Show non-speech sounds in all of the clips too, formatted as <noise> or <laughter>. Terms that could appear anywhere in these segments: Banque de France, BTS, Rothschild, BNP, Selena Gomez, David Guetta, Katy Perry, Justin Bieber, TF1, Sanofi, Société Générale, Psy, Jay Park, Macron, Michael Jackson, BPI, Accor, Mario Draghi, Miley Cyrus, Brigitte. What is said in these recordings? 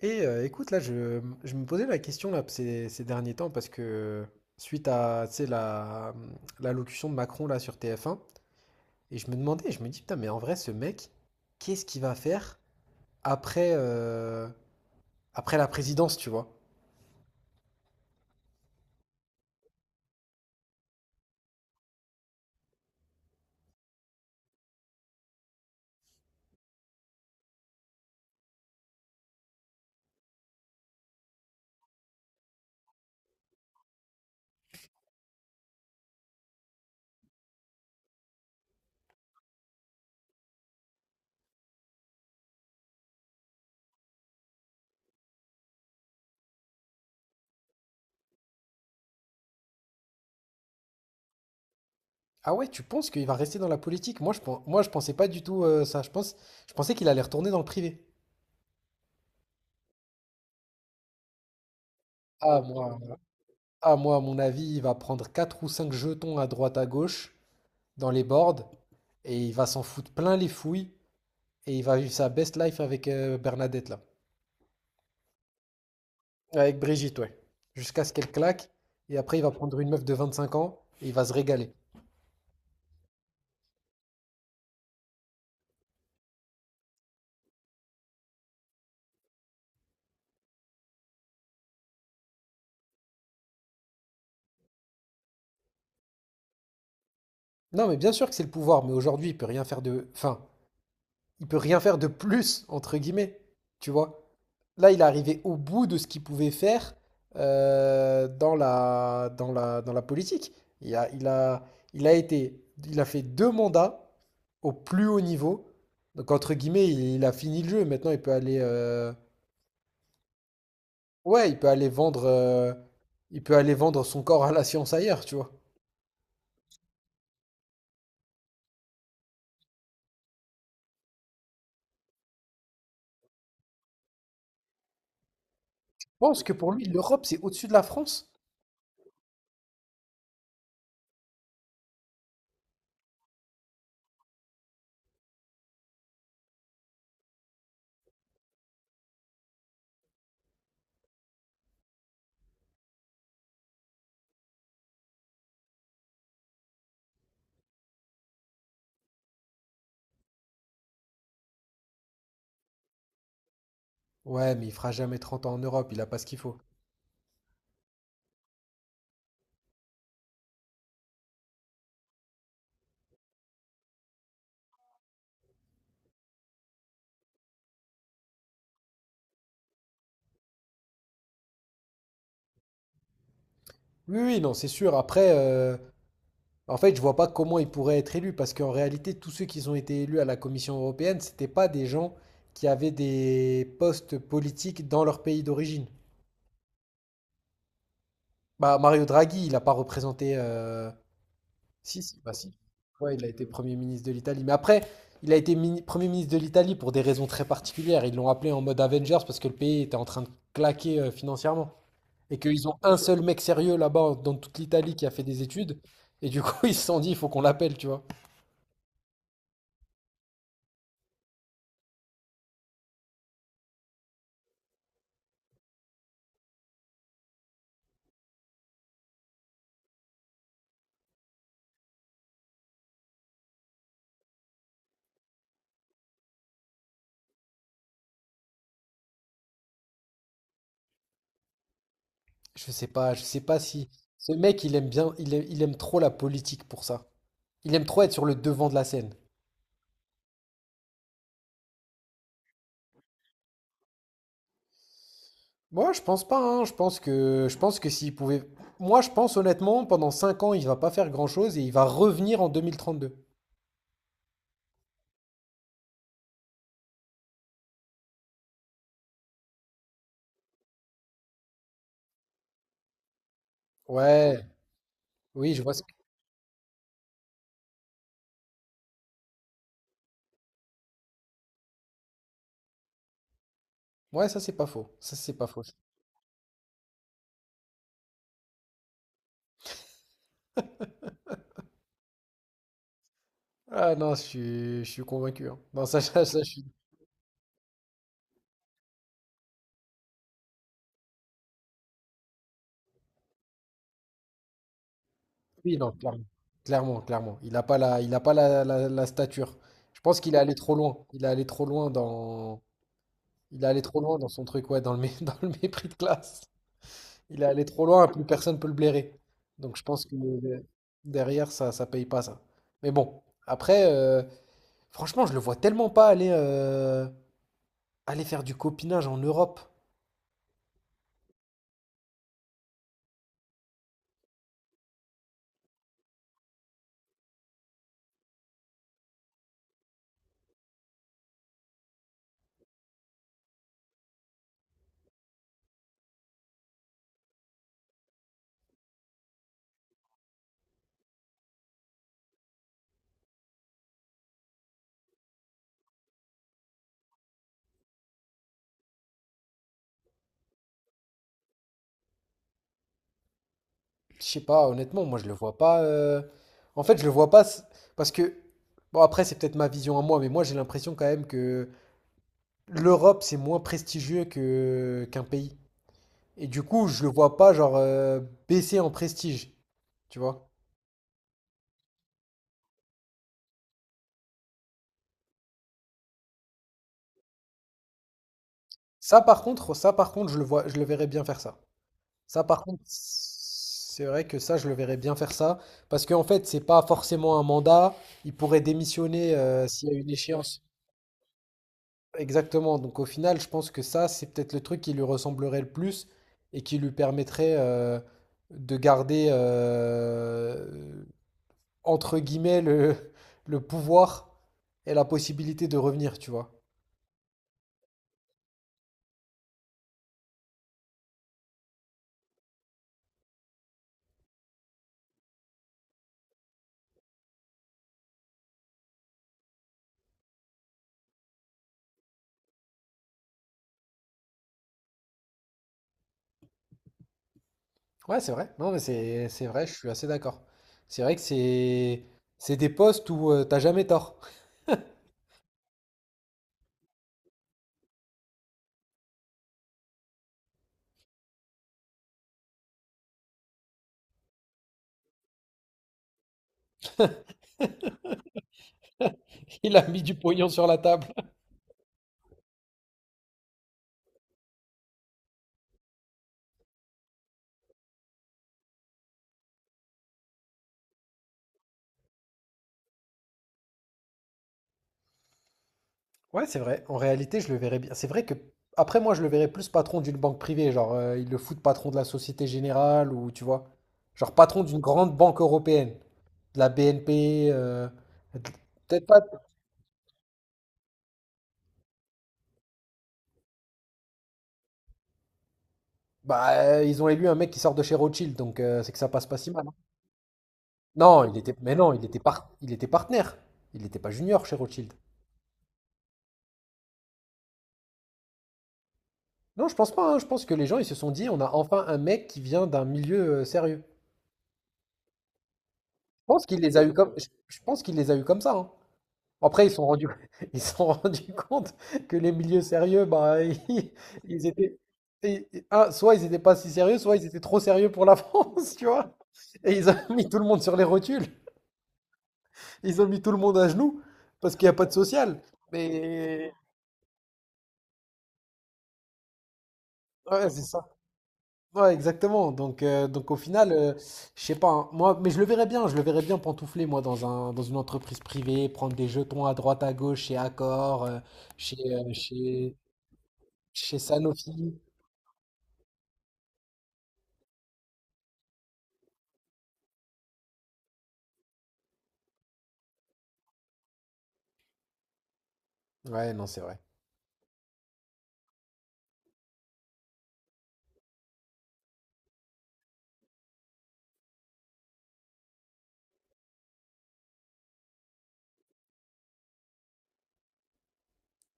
Et écoute, là, je me posais la question là, ces derniers temps parce que suite à, tu sais, l'allocution de Macron là sur TF1, et je me demandais, je me dis, putain, mais en vrai, ce mec, qu'est-ce qu'il va faire après, euh, après la présidence, tu vois? Ah ouais, tu penses qu'il va rester dans la politique? Moi, je pensais pas du tout ça. Je pense, je pensais qu'il allait retourner dans le privé. Ah, moi, ah, moi, à mon avis, il va prendre 4 ou 5 jetons à droite à gauche dans les boards et il va s'en foutre plein les fouilles. Et il va vivre sa best life avec Bernadette, là. Avec Brigitte, ouais. Jusqu'à ce qu'elle claque. Et après, il va prendre une meuf de 25 ans et il va se régaler. Non, mais bien sûr que c'est le pouvoir, mais aujourd'hui, il peut rien faire de. Enfin, il peut rien faire de plus, entre guillemets. Tu vois? Là, il est arrivé au bout de ce qu'il pouvait faire dans la politique. Il a, il a, il a été, il a fait deux mandats au plus haut niveau. Donc, entre guillemets, il a fini le jeu. Maintenant, il peut aller ouais, il peut aller vendre son corps à la science ailleurs, tu vois. Je pense que pour lui, l'Europe, c'est au-dessus de la France. Ouais, mais il fera jamais 30 ans en Europe, il a pas ce qu'il faut. Oui, oui, non, c'est sûr. Après, en fait, je vois pas comment ils pourraient être élus, parce qu'en réalité, tous ceux qui ont été élus à la Commission européenne, c'était pas des gens qui avaient des postes politiques dans leur pays d'origine. Bah, Mario Draghi, il n'a pas représenté. Si, si, bah si. Ouais, il a été Premier ministre de l'Italie. Mais après, il a été Premier ministre de l'Italie pour des raisons très particulières. Ils l'ont appelé en mode Avengers parce que le pays était en train de claquer financièrement. Et qu'ils ont un seul mec sérieux là-bas dans toute l'Italie qui a fait des études. Et du coup, <laughs> ils se sont dit, il faut qu'on l'appelle, tu vois. Je sais pas si ce mec il aime bien, il aime trop la politique pour ça. Il aime trop être sur le devant de la scène. Moi, je pense pas, hein. Je pense que s'il pouvait, moi, je pense honnêtement, pendant 5 ans, il va pas faire grand-chose et il va revenir en 2032. Ouais, oui, je vois. Ce Ça c'est pas faux. Ah non, je suis convaincu. Hein. Non, ça, <laughs> ça, je suis. Oui, non, clairement, Il a pas la, la stature. Je pense qu'il est allé trop loin. Il est allé trop loin dans son truc, ouais, dans le, <laughs> dans le mépris de classe. Il est allé trop loin, plus personne peut le blairer. Donc je pense que derrière, ça paye pas ça. Mais bon, après, franchement, je le vois tellement pas aller. Aller faire du copinage en Europe! Je sais pas, honnêtement, moi je le vois pas. En fait, je le vois pas parce que bon après c'est peut-être ma vision à moi, mais moi j'ai l'impression quand même que l'Europe c'est moins prestigieux que qu'un pays. Et du coup, je le vois pas genre baisser en prestige, tu vois. Ça par contre, je le vois, je le verrais bien faire ça. Ça par contre, c'est vrai que ça, je le verrais bien faire ça parce qu'en fait, c'est pas forcément un mandat, il pourrait démissionner s'il y a une échéance. Exactement. Donc au final, je pense que ça, c'est peut-être le truc qui lui ressemblerait le plus et qui lui permettrait de garder entre guillemets, le pouvoir et la possibilité de revenir, tu vois. Ouais, c'est vrai. Non, mais c'est vrai, je suis assez d'accord. C'est vrai que c'est des postes où t'as jamais tort. <laughs> Il a mis du pognon sur la table. Ouais, c'est vrai. En réalité, je le verrais bien. C'est vrai que, après, moi, je le verrais plus patron d'une banque privée. Genre, ils le foutent patron de la Société Générale ou, tu vois, genre patron d'une grande banque européenne. De la BNP. De- Peut-être pas. Bah, ils ont élu un mec qui sort de chez Rothschild, donc c'est que ça passe pas si mal. Hein. Non, il était. Mais non, il était par... il était partenaire. Il n'était pas junior chez Rothschild. Non, je pense pas. Hein. Je pense que les gens, ils se sont dit, on a enfin un mec qui vient d'un milieu sérieux. Je pense qu'il les a eu comme. Je pense qu'il les a eu comme ça. Hein. Après, ils se sont rendus, <laughs> ils se sont rendus compte que les milieux sérieux, bah, <laughs> ils étaient, ah, soit ils n'étaient pas si sérieux, soit ils étaient trop sérieux pour la <laughs> France, tu vois. Et ils ont mis tout le monde sur les rotules. Ils ont mis tout le monde à genoux parce qu'il n'y a pas de social. Mais ouais, c'est ça. Ouais, exactement. Donc au final, je sais pas. Hein. Moi, mais je le verrais bien. Je le verrais bien pantoufler moi dans une entreprise privée, prendre des jetons à droite à gauche chez Accor, euh, chez, euh, chez, chez Sanofi. Ouais, non, c'est vrai.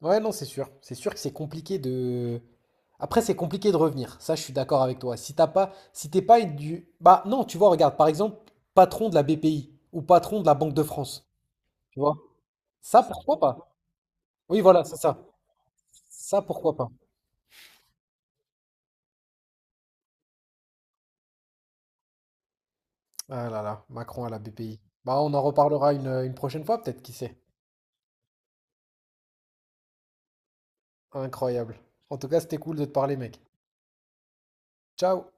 Ouais, non, c'est sûr. C'est sûr que c'est compliqué de. Après, c'est compliqué de revenir. Ça, je suis d'accord avec toi. Si t'as pas, si t'es pas une du. Bah non, tu vois, regarde, par exemple, patron de la BPI ou patron de la Banque de France. Tu vois? Ça, pourquoi pas? Oui, voilà, c'est ça. Ça, pourquoi pas? Ah là là, Macron à la BPI. Bah, on en reparlera une prochaine fois, peut-être, qui sait. Incroyable. En tout cas, c'était cool de te parler, mec. Ciao!